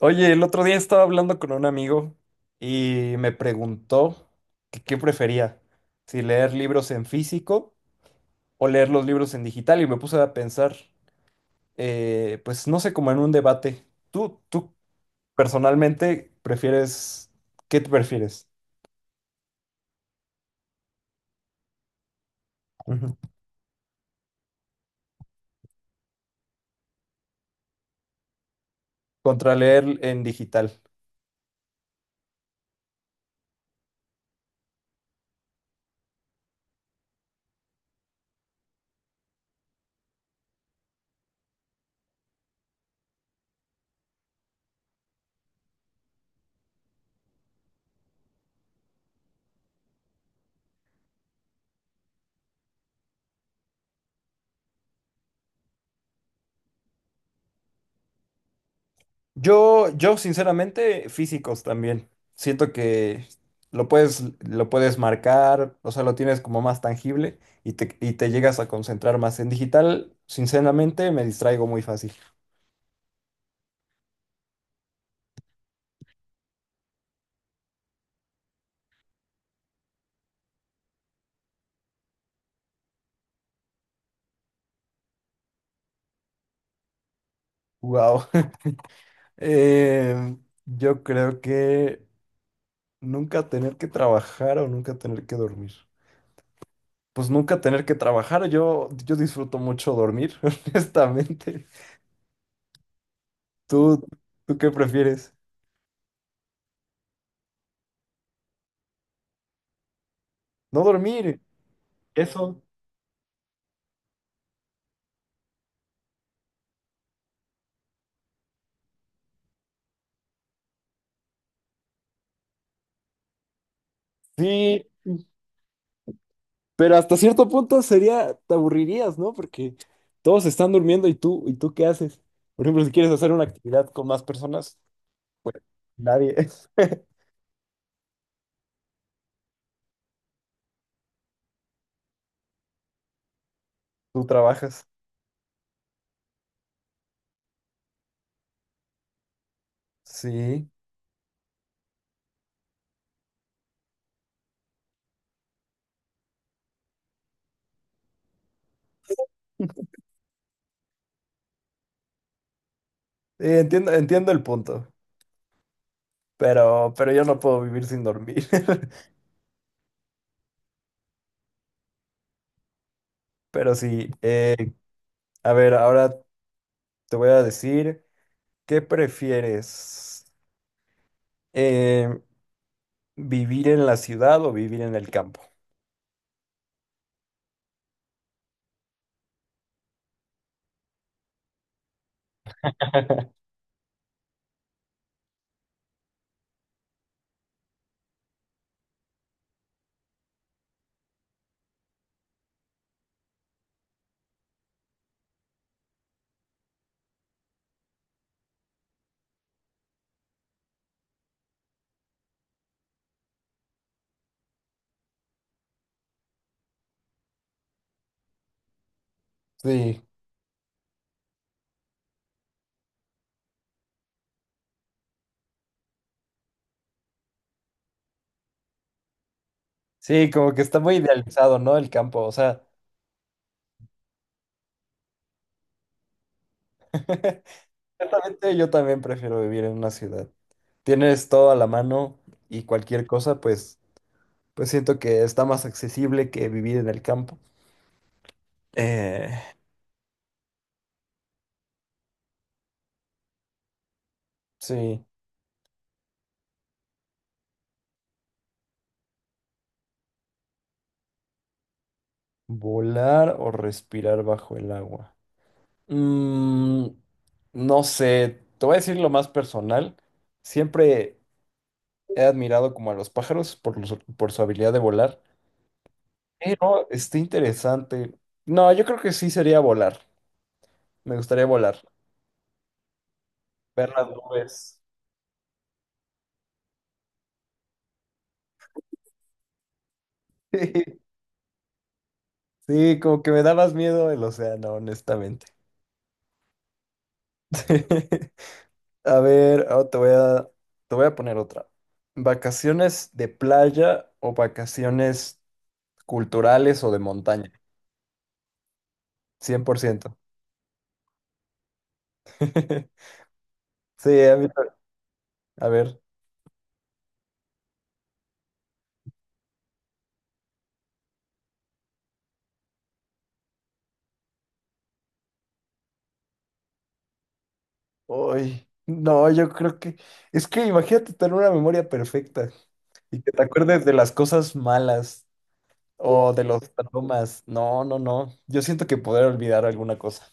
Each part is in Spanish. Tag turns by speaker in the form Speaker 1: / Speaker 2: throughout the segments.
Speaker 1: Oye, el otro día estaba hablando con un amigo y me preguntó que qué prefería, si leer libros en físico o leer los libros en digital y me puse a pensar, pues no sé, como en un debate. ¿Tú personalmente prefieres, qué te prefieres? Ujú. Contra leer en digital. Yo sinceramente, físicos también. Siento que lo puedes marcar, o sea, lo tienes como más tangible y te llegas a concentrar más. En digital, sinceramente, me distraigo muy fácil. Wow. Yo creo que nunca tener que trabajar o nunca tener que dormir. Pues nunca tener que trabajar. Yo disfruto mucho dormir, honestamente. ¿Tú, tú qué prefieres? No dormir. Eso. Sí. Pero hasta cierto punto sería, te aburrirías, ¿no? Porque todos están durmiendo ¿y tú qué haces? Por ejemplo, si quieres hacer una actividad con más personas, nadie. Tú trabajas. Sí. Entiendo el punto, pero yo no puedo vivir sin dormir. Pero sí, a ver, ahora te voy a decir, ¿qué prefieres? Eh, ¿Vivir en la ciudad o vivir en el campo? Sí. Sí, como que está muy idealizado, ¿no? El campo, o sea. Ciertamente yo también prefiero vivir en una ciudad. Tienes todo a la mano y cualquier cosa, pues, pues siento que está más accesible que vivir en el campo. Eh, sí, volar o respirar bajo el agua. Mm, no sé, te voy a decir lo más personal. Siempre he admirado como a los pájaros por, por su habilidad de volar. Pero está interesante. No, yo creo que sí sería volar. Me gustaría volar, ver las nubes. Sí, como que me da más miedo el océano, honestamente. A ver, ahora te voy a poner otra. ¿Vacaciones de playa o vacaciones culturales o de montaña? 100%. Sí, a mí ta- A ver. Uy, no, yo creo que... Es que imagínate tener una memoria perfecta y que te acuerdes de las cosas malas o de los traumas. No, no, no. Yo siento que poder olvidar alguna cosa.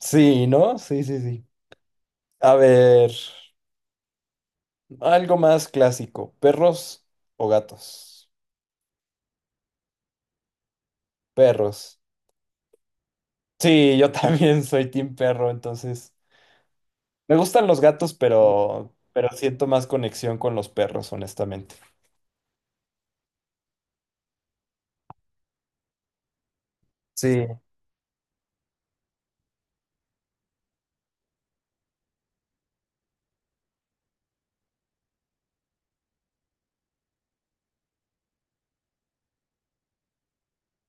Speaker 1: Sí, ¿no? Sí, sí, sí. A ver, algo más clásico, ¿perros o gatos? Perros. Sí, yo también soy team perro, entonces me gustan los gatos, pero siento más conexión con los perros, honestamente. Sí,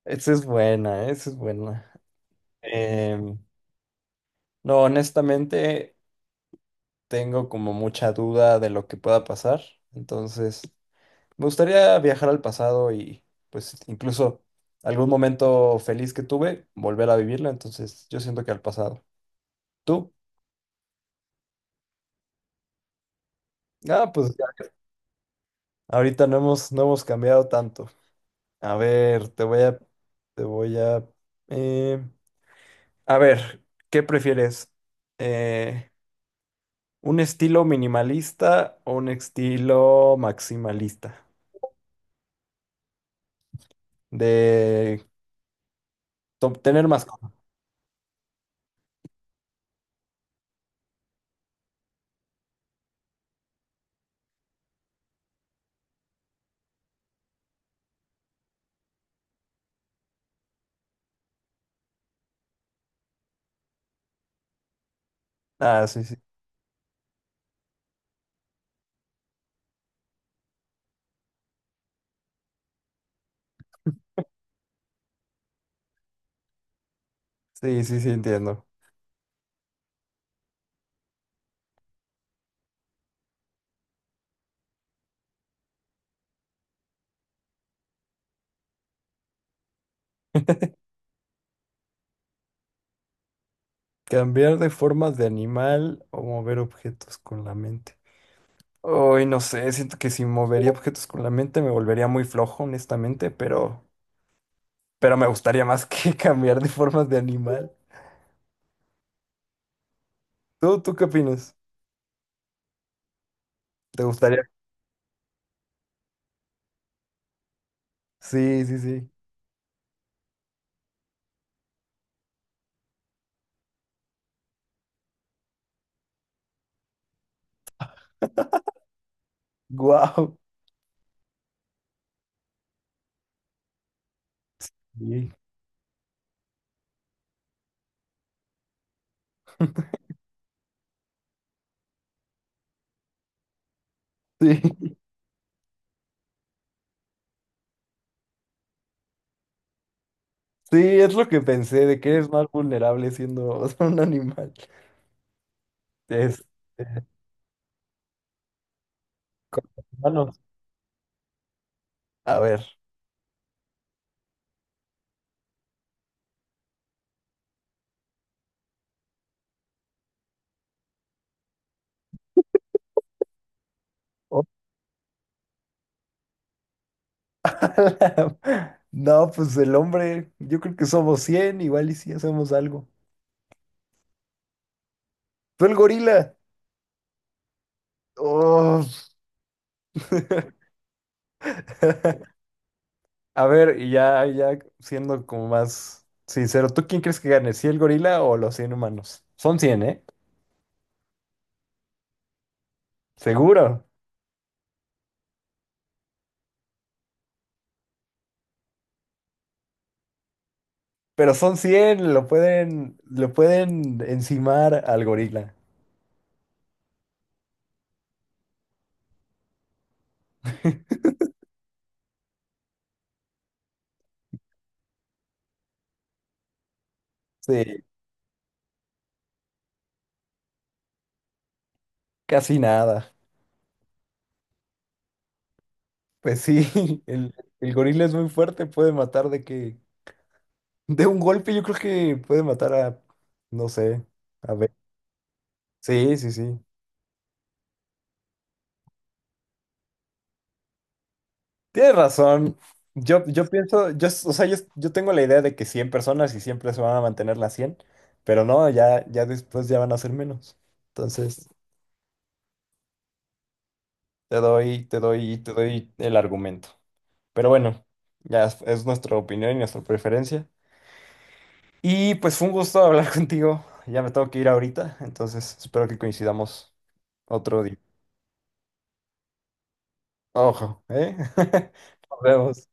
Speaker 1: esa es buena, esa es buena. Em, no, honestamente tengo como mucha duda de lo que pueda pasar, entonces me gustaría viajar al pasado y pues incluso algún momento feliz que tuve, volver a vivirlo, entonces yo siento que al pasado. ¿Tú? Ah, pues ya. Ahorita no hemos cambiado tanto. A ver, te voy eh, a ver, ¿qué prefieres? Eh, ¿Un estilo minimalista o un estilo maximalista? De tener más cosas. Ah, sí, sí, sí, entiendo. Cambiar de formas de animal o mover objetos con la mente. Hoy no sé, siento que si movería objetos con la mente me volvería muy flojo, honestamente, pero me gustaría más que cambiar de formas de animal. ¿Tú qué opinas? ¿Te gustaría? Sí, sí, sí. Guau. Sí, sí, sí, es lo que pensé, de que eres más vulnerable siendo un animal. Es, con las manos. A ver. No, pues el hombre, yo creo que somos 100 igual y si hacemos algo. ¡Tú el gorila! Oh. A ver, y ya, ya siendo como más sincero, ¿tú quién crees que gane? ¿Si el gorila o los 100 humanos? Son 100, ¿eh? Seguro. Pero son 100, lo pueden encimar al gorila. Sí, casi nada. Pues sí, el, el gorila es muy fuerte, puede matar de que de un golpe yo creo que puede matar a, no sé, a ver. Sí, sí, sí. Tienes razón. Yo pienso, yo, s- o sea, yo tengo la idea de que 100 personas y siempre se van a mantener las 100 pero no, ya después ya van a ser menos. Entonces, te doy el argumento. Pero bueno, es nuestra opinión y nuestra preferencia. Y pues fue un gusto hablar contigo. Ya me tengo que ir ahorita, entonces espero que coincidamos otro día. Ojo, ¿eh? Nos vemos.